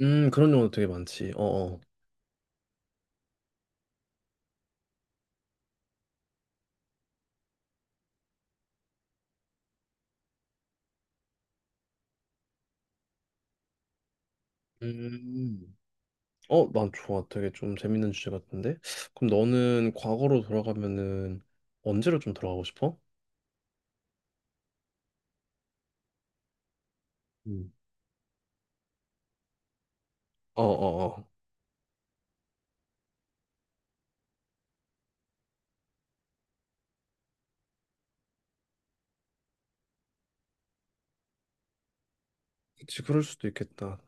그런 경우도 되게 많지. 어어. 음. 난 좋아. 되게 좀 재밌는 주제 같은데. 그럼 너는 과거로 돌아가면은 언제로 좀 돌아가고 싶어? 음. 어어어. 그치, 그럴 수도 있겠다.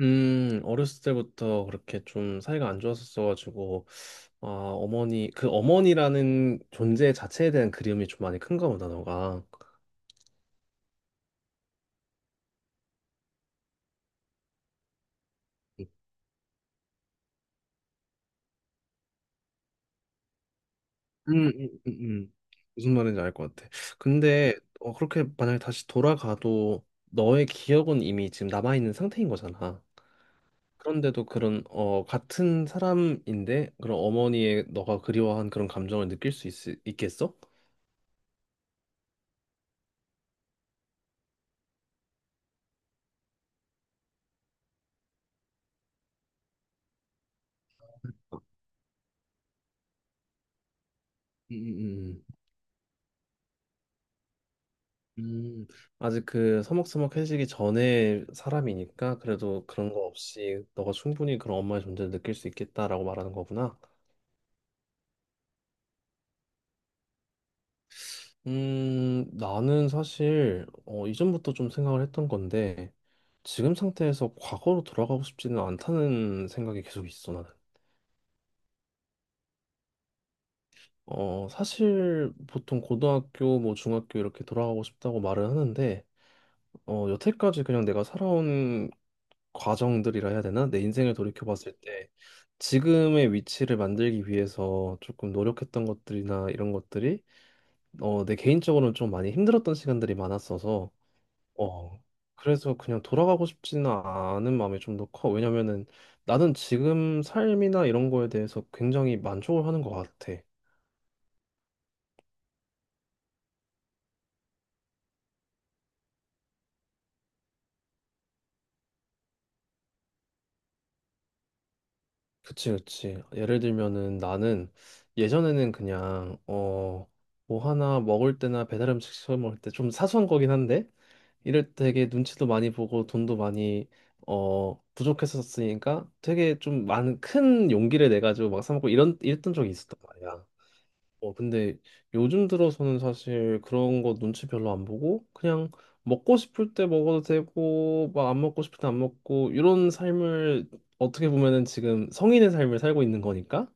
어렸을 때부터 그렇게 좀 사이가 안 좋았었어가지고, 아, 어머니, 그 어머니라는 존재 자체에 대한 그리움이 좀 많이 큰가 보다, 너가. 음, 음, 음, 음. 무슨 말인지 알 것 같아. 근데 그렇게 만약에 다시 돌아가도 너의 기억은 이미 지금 남아있는 상태인 거잖아. 그런데도 그런 같은 사람인데 그런 어머니의 너가 그리워한 그런 감정을 느낄 수 있겠어? 음, 음, 음. 음, 음, 아직 그 서먹서먹해지기 전에 사람이니까 그래도 그런 거 없이 너가 충분히 그런 엄마의 존재를 느낄 수 있겠다라고 말하는 거구나. 나는 사실 이전부터 좀 생각을 했던 건데 지금 상태에서 과거로 돌아가고 싶지는 않다는 생각이 계속 있어 나는. 사실 보통 고등학교 뭐 중학교 이렇게 돌아가고 싶다고 말을 하는데 여태까지 그냥 내가 살아온 과정들이라 해야 되나? 내 인생을 돌이켜 봤을 때 지금의 위치를 만들기 위해서 조금 노력했던 것들이나 이런 것들이 내 개인적으로는 좀 많이 힘들었던 시간들이 많았어서 어, 그래서 그냥 돌아가고 싶지는 않은 마음이 좀 더 커. 왜냐면은 나는 지금 삶이나 이런 거에 대해서 굉장히 만족을 하는 것 같아. 그치, 그치. 예를 들면은 나는 예전에는 그냥, 뭐 하나 먹을 때나 배달 음식 시켜 먹을 때 좀 사소한 거긴 한데, 이럴 때 되게 눈치도 많이 보고 돈도 많이, 부족했었으니까 되게 좀 많은 큰 용기를 내가지고 막 사 먹고 이런, 이랬던 적이 있었단 말이야. 근데 요즘 들어서는 사실 그런 거 눈치 별로 안 보고 그냥 먹고 싶을 때 먹어도 되고 막 안 먹고 싶을 때 안 먹고 이런 삶을 어떻게 보면은 지금 성인의 삶을 살고 있는 거니까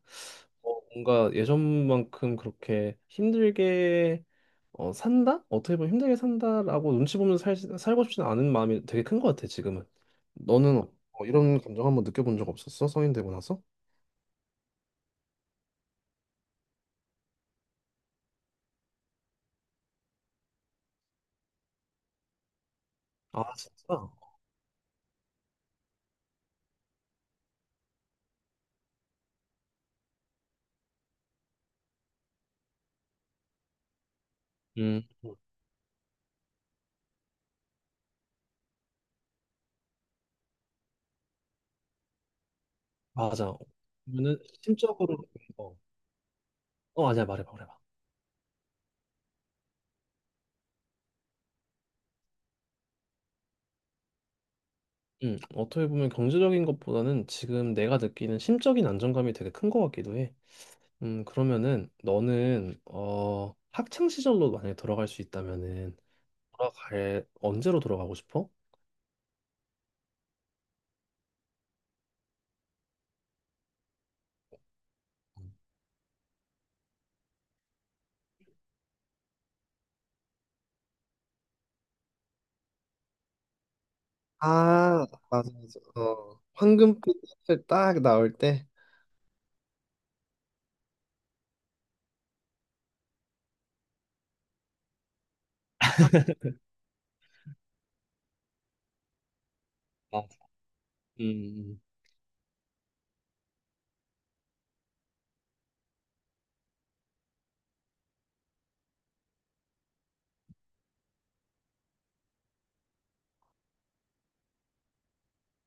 뭔가 예전만큼 그렇게 힘들게 산다? 어떻게 보면 힘들게 산다라고 눈치 보면서 살고 싶지는 않은 마음이 되게 큰 것 같아 지금은. 너는 이런 감정 한번 느껴본 적 없었어? 성인 되고 나서? 아 진짜? 음. 맞아. 그러면은 심적으로 어, 아니야 말해봐 말해봐. 어떻게 보면 경제적인 것보다는 지금 내가 느끼는 심적인 안정감이 되게 큰 것 같기도 해. 그러면은 너는 학창 시절로 만약에 돌아갈 수 있다면은 돌아갈 언제로 돌아가고 싶어? 아, 맞아, 맞아. 황금빛을 딱 나올 때. 아, 음,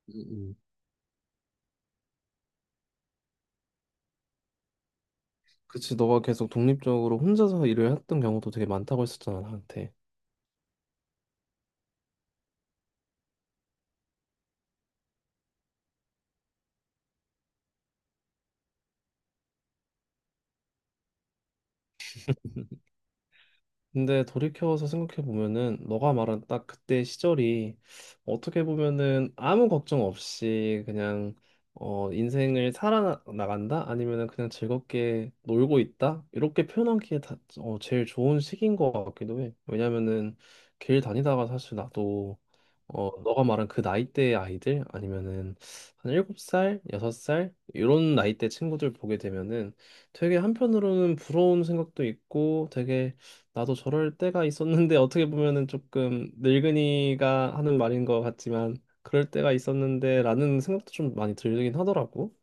음. 그치, 너가 계속 독립적으로 혼자서 일을 했던 경우도 되게 많다고 했었잖아, 나한테. 근데 돌이켜서 생각해 보면은 너가 말한 딱 그때 시절이 어떻게 보면은 아무 걱정 없이 그냥 인생을 살아나간다 아니면은 그냥 즐겁게 놀고 있다 이렇게 표현하기에 다, 어, 제일 좋은 시기인 것 같기도 해. 왜냐면은 길 다니다가 사실 나도 너가 말한 그 나이대의 아이들 아니면은 한 7살 6살 이런 나이대 친구들 보게 되면은 되게 한편으로는 부러운 생각도 있고 되게 나도 저럴 때가 있었는데 어떻게 보면은 조금 늙은이가 하는 말인 것 같지만 그럴 때가 있었는데 라는 생각도 좀 많이 들긴 하더라고.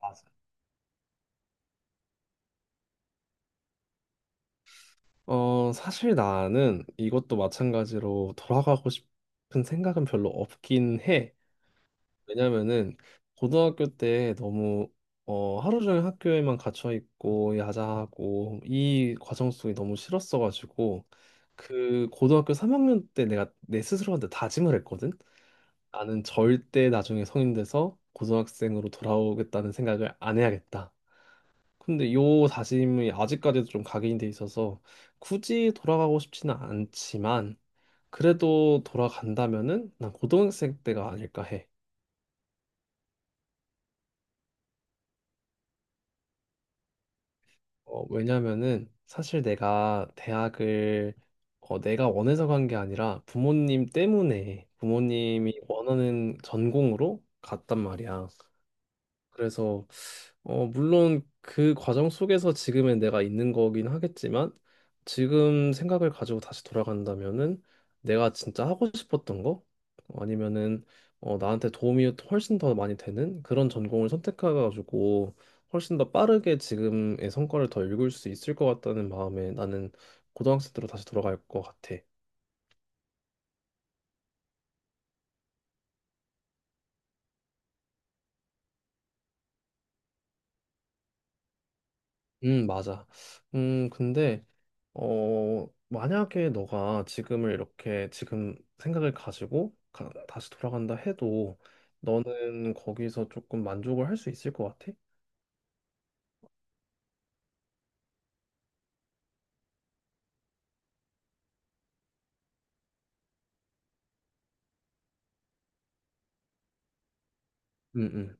맞아. 사실 나는 이것도 마찬가지로 돌아가고 싶은 생각은 별로 없긴 해. 왜냐면은 고등학교 때 너무 하루 종일 학교에만 갇혀 있고 야자하고 이 과정 속이 너무 싫었어가지고 그 고등학교 3학년 때 내가 내 스스로한테 다짐을 했거든. 나는 절대 나중에 성인 돼서 고등학생으로 돌아오겠다는 생각을 안 해야겠다. 근데 요 다짐이 아직까지도 좀 각인이 돼 있어서 굳이 돌아가고 싶지는 않지만 그래도 돌아간다면은 난 고등학생 때가 아닐까 해. 왜냐면은 사실 내가 대학을 내가 원해서 간 게 아니라 부모님 때문에 부모님이 원하는 전공으로 갔단 말이야. 그래서 물론 그 과정 속에서 지금의 내가 있는 거긴 하겠지만 지금 생각을 가지고 다시 돌아간다면은 내가 진짜 하고 싶었던 거 아니면은 나한테 도움이 훨씬 더 많이 되는 그런 전공을 선택해가지고 훨씬 더 빠르게 지금의 성과를 더 읽을 수 있을 것 같다는 마음에 나는 고등학생 때로 다시 돌아갈 것 같아. 맞아. 근데 만약에 너가 지금을 이렇게 지금 생각을 가지고 다시 돌아간다 해도 너는 거기서 조금 만족을 할 수 있을 것 같아? 응, 응.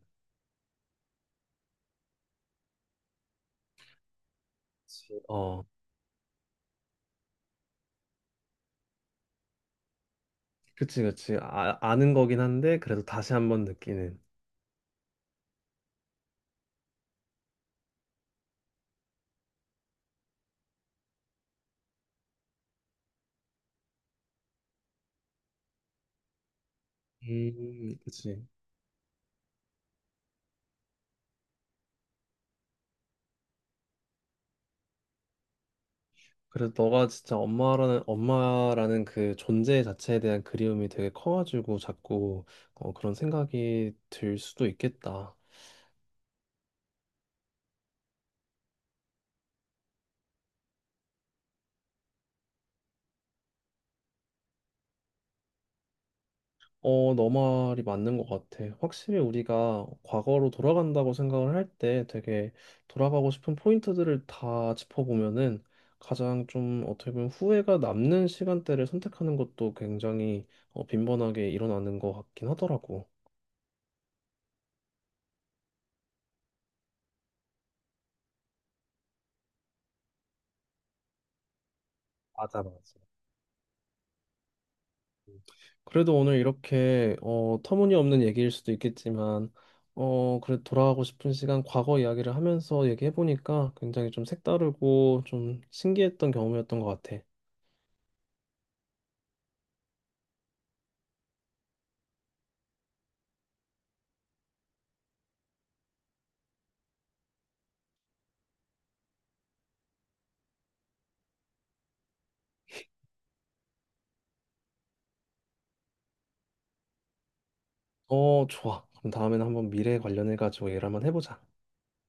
그치. 그치, 그치. 아, 아는 거긴 한데 그래도 다시 한번 느끼는. 그치. 그래서 너가 진짜 엄마라는 그 존재 자체에 대한 그리움이 되게 커가지고 자꾸 그런 생각이 들 수도 있겠다. 너 말이 맞는 것 같아. 확실히 우리가 과거로 돌아간다고 생각을 할 때 되게 돌아가고 싶은 포인트들을 다 짚어보면은 가장 좀 어떻게 보면 후회가 남는 시간대를 선택하는 것도 굉장히 빈번하게 일어나는 것 같긴 하더라고. 맞아, 맞아. 음. 그래도 오늘 이렇게 터무니없는 얘기일 수도 있겠지만 그래 돌아가고 싶은 시간 과거 이야기를 하면서 얘기해보니까 굉장히 좀 색다르고 좀 신기했던 경험이었던 것 같아. 좋아. 그럼 다음에는 한번 미래 관련해 가지고 얘기를 한번 해보자.